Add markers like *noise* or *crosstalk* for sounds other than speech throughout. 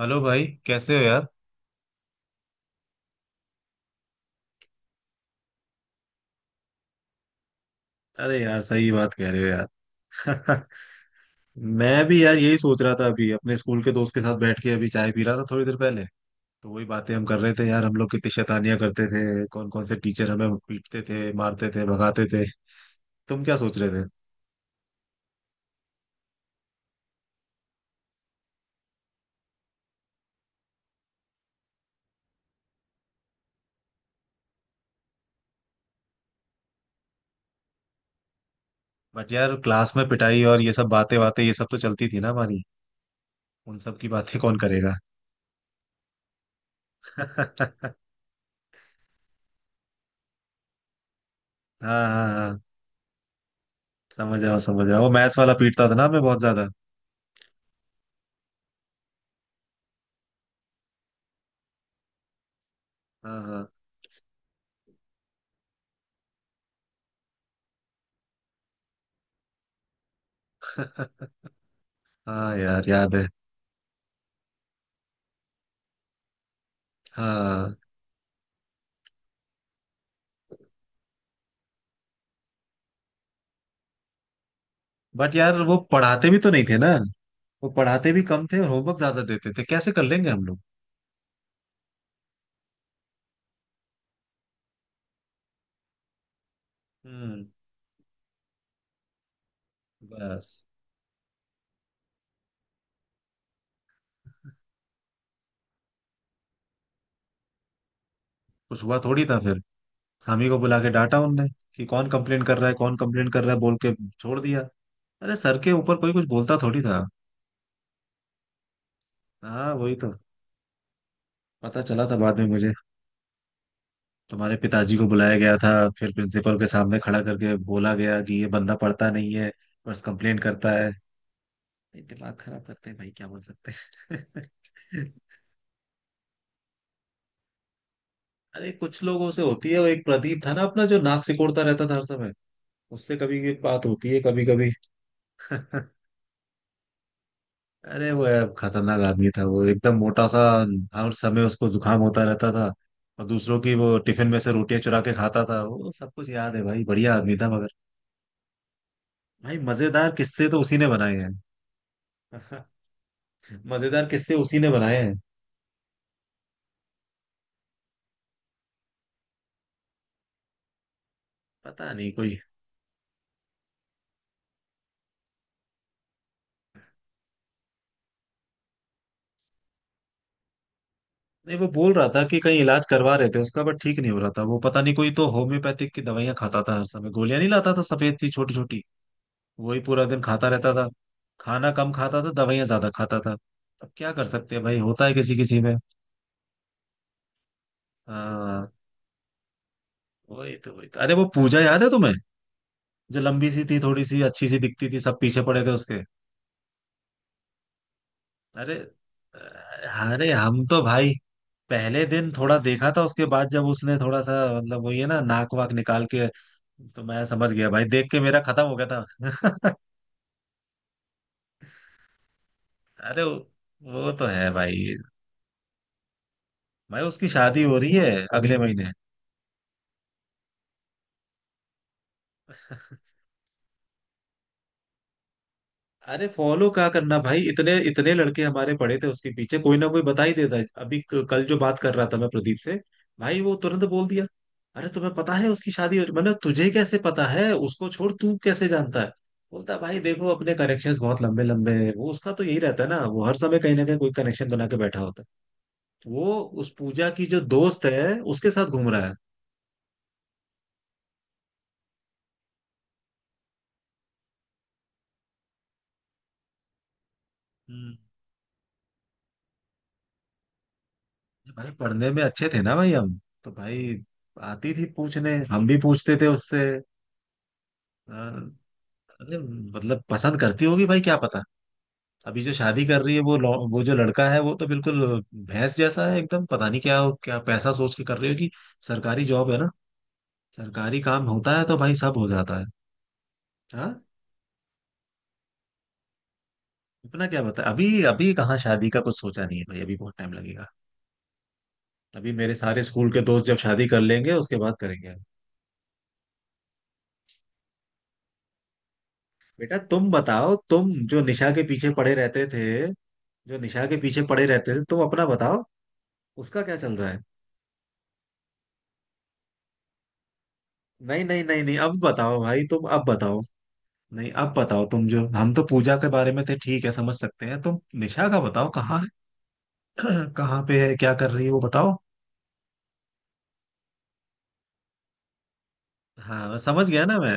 Hello भाई, कैसे हो यार। अरे यार, सही बात कह रहे हो यार। *laughs* मैं भी यार यही सोच रहा था, अभी अपने स्कूल के दोस्त के साथ बैठ के अभी चाय पी रहा था थोड़ी देर पहले। तो वही बातें हम कर रहे थे यार, हम लोग कितनी शैतानियां करते थे। कौन कौन से टीचर हमें पीटते थे, मारते थे, भगाते थे। तुम क्या सोच रहे थे। बट यार, क्लास में पिटाई और ये सब बातें बातें, ये सब तो चलती थी ना हमारी। उन सब की बातें कौन करेगा। *laughs* हाँ हाँ हाँ। समझ रहा हूँ समझ रहा हूँ, वो मैथ्स वाला पीटता था ना हमें बहुत ज्यादा। हाँ हाँ। *laughs* हाँ यार, याद है। हाँ। बट यार, वो पढ़ाते भी तो नहीं थे ना। वो पढ़ाते भी कम थे और होमवर्क ज्यादा देते थे, कैसे कर लेंगे हम लोग। हम्म। बस, कुछ हुआ थोड़ी था फिर। हम ही को बुला के डांटा उनने कि कौन कंप्लेन कर रहा है, कौन कंप्लेन कर रहा है बोल के छोड़ दिया। अरे, सर के ऊपर कोई कुछ बोलता थोड़ी था। हाँ, वही तो। पता चला था बाद में मुझे। तुम्हारे पिताजी को बुलाया गया था, फिर प्रिंसिपल के सामने खड़ा करके बोला गया कि ये बंदा पढ़ता नहीं है, बस कंप्लेन करता है। भाई, दिमाग खराब करते हैं भाई, क्या बोल सकते हैं। *laughs* अरे, कुछ लोगों से होती है। वो एक प्रदीप था ना अपना, जो नाक सिकोड़ता रहता था हर समय। उससे कभी भी बात होती है, कभी कभी। *laughs* अरे वो यार, खतरनाक आदमी था वो, एकदम मोटा सा। हर समय उसको जुकाम होता रहता था। और दूसरों की वो टिफिन में से रोटियां चुरा के खाता था, वो सब कुछ याद है भाई, बढ़िया आदमी था मगर। भाई, मजेदार किस्से तो उसी ने बनाए हैं। *laughs* मजेदार किस्से उसी ने बनाए हैं। पता नहीं, कोई। नहीं, वो बोल रहा था कि कहीं इलाज करवा रहे थे उसका, बट ठीक नहीं हो रहा था वो, पता नहीं, कोई तो होम्योपैथिक की दवाइयां खाता था हर समय, गोलियां नहीं लाता था सफेद सी छोटी छोटी। वही पूरा दिन खाता रहता था। खाना कम खाता था, दवाइयां ज्यादा खाता था। अब क्या कर सकते हैं भाई, होता है किसी किसी में। हाँ, वही तो वही तो। अरे, वो पूजा याद है तुम्हें, जो लंबी सी थी, थोड़ी सी अच्छी सी दिखती थी, सब पीछे पड़े थे उसके। अरे। अरे, हम तो भाई पहले दिन थोड़ा देखा था, उसके बाद जब उसने थोड़ा सा, मतलब वही है ना, नाक वाक निकाल के, तो मैं समझ गया भाई, देख के मेरा खत्म हो गया था। *laughs* अरे वो तो है भाई। भाई, उसकी शादी हो रही है अगले महीने। अरे, फॉलो क्या करना भाई, इतने इतने लड़के हमारे पड़े थे उसके पीछे, कोई ना कोई बता ही देता है। अभी कल जो बात कर रहा था मैं प्रदीप से, भाई वो तुरंत बोल दिया। अरे, तुम्हें पता है मतलब तुझे कैसे पता है, उसको छोड़, तू कैसे जानता है। बोलता है, भाई देखो, अपने कनेक्शंस बहुत लंबे लंबे हैं। वो, उसका तो यही रहता है ना, वो हर समय कहीं ना कहीं कोई कनेक्शन बना के बैठा होता है। वो उस पूजा की जो दोस्त है उसके साथ घूम रहा है। हम्म। भाई, पढ़ने में अच्छे थे ना भाई हम, तो भाई आती थी पूछने, हम भी पूछते थे उससे। अरे, मतलब पसंद करती होगी भाई, क्या पता। अभी जो शादी कर रही है वो वो जो लड़का है वो तो बिल्कुल भैंस जैसा है एकदम, पता नहीं क्या। क्या पैसा सोच के कर रही होगी। सरकारी जॉब है ना। सरकारी काम होता है तो भाई सब हो जाता है। हाँ। अपना क्या बता, अभी अभी कहाँ, शादी का कुछ सोचा नहीं है भाई, अभी बहुत टाइम लगेगा। अभी मेरे सारे स्कूल के दोस्त जब शादी कर लेंगे, उसके बाद करेंगे। बेटा तुम बताओ, तुम जो निशा के पीछे पड़े रहते थे, जो निशा के पीछे पड़े रहते थे, तुम अपना बताओ, उसका क्या चल रहा है। नहीं नहीं नहीं नहीं, अब बताओ भाई, तुम अब बताओ। नहीं, अब बताओ तुम, जो हम तो पूजा के बारे में थे ठीक है, समझ सकते हैं, तुम निशा का बताओ कहाँ है। *clears throat* कहाँ पे है, क्या कर रही है वो, बताओ। हाँ, मैं समझ गया ना मैं।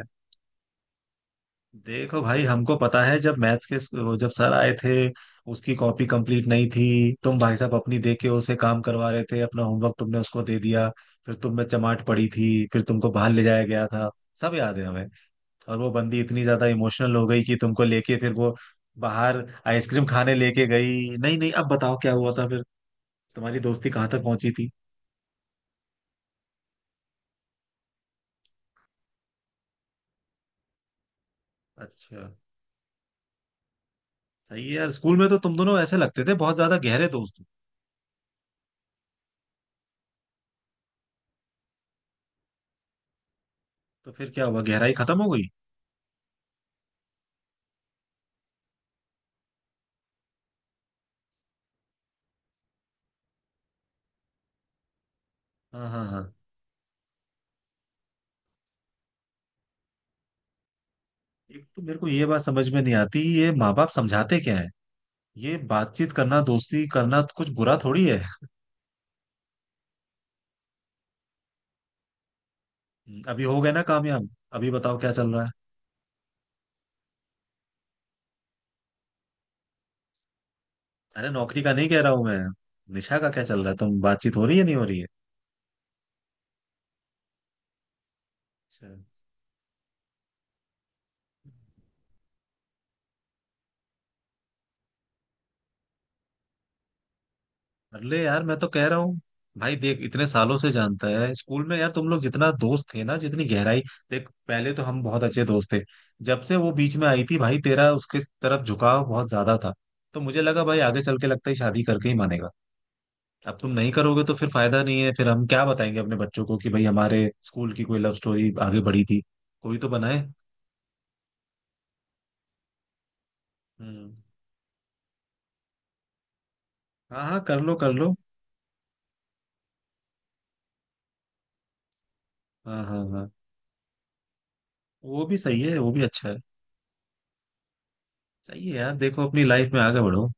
देखो भाई, हमको पता है, जब मैथ्स के, जब सर आए थे, उसकी कॉपी कंप्लीट नहीं थी। तुम भाई साहब अपनी दे के उसे काम करवा रहे थे, अपना होमवर्क तुमने उसको दे दिया। फिर तुम में चमाट पड़ी थी, फिर तुमको बाहर ले जाया गया था। सब याद है हमें। और वो बंदी इतनी ज्यादा इमोशनल हो गई कि तुमको लेके फिर वो बाहर आइसक्रीम खाने लेके गई। नहीं नहीं, अब बताओ क्या हुआ था फिर, तुम्हारी दोस्ती कहाँ तक पहुंची थी। अच्छा। सही है यार, स्कूल में तो तुम दोनों ऐसे लगते थे बहुत ज्यादा गहरे दोस्त हो। तो फिर क्या हुआ, गहराई खत्म हो गई। हाँ हाँ हाँ। एक तो मेरे को ये बात समझ में नहीं आती, ये माँ बाप समझाते क्या है। ये बातचीत करना, दोस्ती करना तो कुछ बुरा थोड़ी है। अभी हो गए ना कामयाब। अभी बताओ क्या चल रहा है। अरे, नौकरी का नहीं कह रहा हूँ मैं। निशा का क्या चल रहा है तुम, बातचीत हो रही है नहीं हो रही है। अच्छा। अरे यार, मैं तो कह रहा हूँ भाई, देख, इतने सालों से जानता है स्कूल में यार, तुम लोग जितना दोस्त थे ना, जितनी गहराई। देख, पहले तो हम बहुत अच्छे दोस्त थे। जब से वो बीच में आई थी भाई, तेरा उसके तरफ झुकाव बहुत ज्यादा था। तो मुझे लगा भाई, आगे चल के लगता है शादी करके ही मानेगा। अब तुम नहीं करोगे तो फिर फायदा नहीं है, फिर हम क्या बताएंगे अपने बच्चों को कि भाई हमारे स्कूल की कोई लव स्टोरी आगे बढ़ी थी। कोई तो बनाए। हम्म। हाँ हाँ, कर लो कर लो। हाँ हाँ हाँ, वो भी सही है, वो भी अच्छा है। सही है यार, देखो अपनी लाइफ में आगे बढ़ो।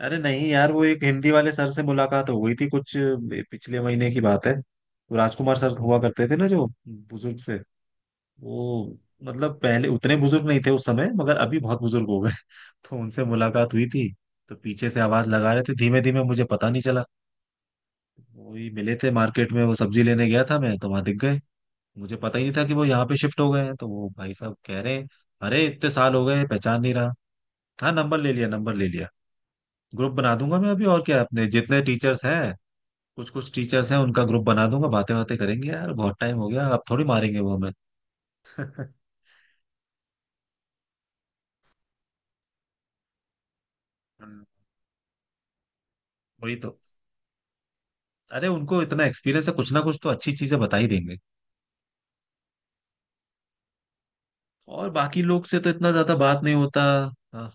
अरे नहीं यार, वो एक हिंदी वाले सर से मुलाकात हो गई थी, कुछ पिछले महीने की बात है, वो राजकुमार सर हुआ करते थे ना, जो बुजुर्ग से। वो मतलब पहले उतने बुजुर्ग नहीं थे उस समय, मगर अभी बहुत बुजुर्ग हो गए। *laughs* तो उनसे मुलाकात हुई थी। तो पीछे से आवाज लगा रहे थे धीमे धीमे, मुझे पता नहीं चला। वही मिले थे मार्केट में, वो सब्जी लेने गया था मैं, तो वहां दिख गए। मुझे पता ही नहीं था कि वो यहाँ पे शिफ्ट हो गए हैं, तो वो भाई साहब कह रहे हैं, अरे इतने साल हो गए पहचान नहीं रहा। हाँ, नंबर ले लिया नंबर ले लिया। ग्रुप बना दूंगा मैं अभी, और क्या अपने जितने टीचर्स हैं, कुछ कुछ टीचर्स हैं, उनका ग्रुप बना दूंगा, बातें बातें करेंगे यार, बहुत टाइम हो गया, अब थोड़ी मारेंगे वो हमें। *laughs* हाँ, वही तो। अरे, उनको इतना एक्सपीरियंस है, कुछ ना कुछ तो अच्छी चीजें बता ही देंगे। और बाकी लोग से तो इतना ज्यादा बात नहीं होता। हाँ।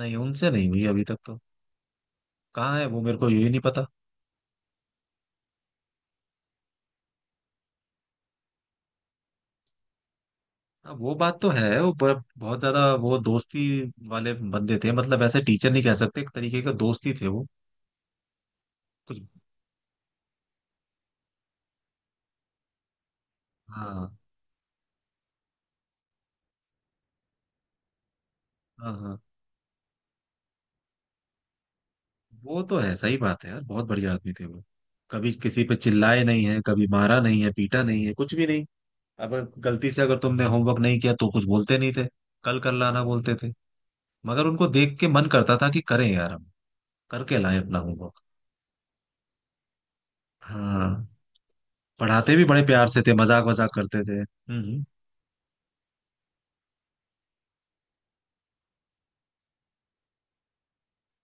नहीं, उनसे नहीं हुई अभी तक तो। कहाँ है वो, मेरे को यही नहीं पता। हाँ, वो बात तो है। वो बहुत ज्यादा वो दोस्ती वाले बंदे थे, मतलब ऐसे टीचर नहीं कह सकते, एक तरीके का दोस्त ही थे वो। कुछ। हाँ हाँ हाँ, वो तो है, सही बात है यार, बहुत बढ़िया आदमी थे वो। कभी किसी पे चिल्लाए नहीं है, कभी मारा नहीं है, पीटा नहीं है, कुछ भी नहीं। अब गलती से अगर तुमने होमवर्क नहीं किया तो कुछ बोलते नहीं थे, कल कर लाना बोलते थे। मगर उनको देख के मन करता था कि करें यार हम, करके लाएं अपना होमवर्क। हाँ, पढ़ाते भी बड़े प्यार से थे, मजाक मजाक करते थे। हम्म।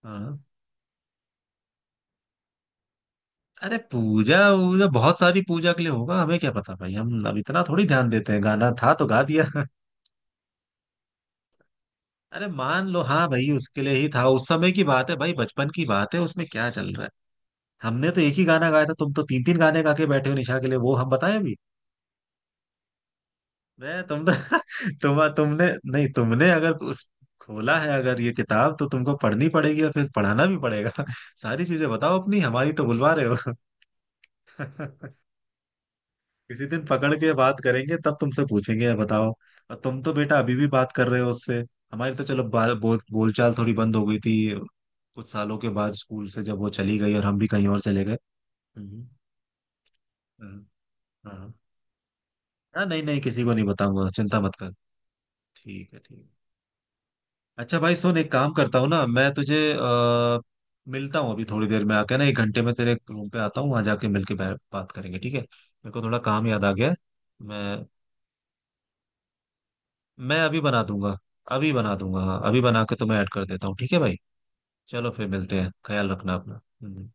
हाँ। अरे, पूजा वूजा बहुत सारी पूजा के लिए होगा, हमें क्या पता भाई, हम अब इतना थोड़ी ध्यान देते हैं, गाना था तो गा दिया। अरे मान लो, हाँ भाई उसके लिए ही था, उस समय की बात है भाई, बचपन की बात है, उसमें क्या चल रहा है। हमने तो एक ही गाना गाया था, तुम तो तीन तीन गाने गा के बैठे हो निशा के लिए, वो हम बताएं अभी। मैं तुम *laughs* तुमने नहीं, तुमने अगर उस खोला है, अगर ये किताब, तो तुमको पढ़नी पड़ेगी और फिर पढ़ाना भी पड़ेगा। *laughs* सारी चीजें बताओ अपनी, हमारी तो बुलवा रहे हो। *laughs* किसी दिन पकड़ के बात करेंगे, तब तुमसे पूछेंगे, बताओ। और तुम तो बेटा अभी भी बात कर रहे हो उससे। हमारी तो चलो बा- बोल बोलचाल थोड़ी बंद हो गई थी, कुछ सालों के बाद स्कूल से जब वो चली गई और हम भी कहीं और चले गए। हम्म। हाँ हाँ हाँ। नहीं नहीं, किसी को नहीं बताऊंगा, चिंता मत कर, ठीक है ठीक है। अच्छा भाई सुन, एक काम करता हूँ ना, मैं तुझे आ, मिलता हूँ अभी थोड़ी देर में आके ना, 1 घंटे में तेरे रूम पे आता हूँ, वहां जाके मिलके बात करेंगे, ठीक है, मेरे को थोड़ा काम याद आ गया है। मैं मैं अभी बना दूंगा, अभी बना दूंगा, हाँ अभी बना के तो मैं ऐड कर देता हूँ, ठीक है भाई। चलो फिर मिलते हैं, ख्याल रखना अपना। हम्म।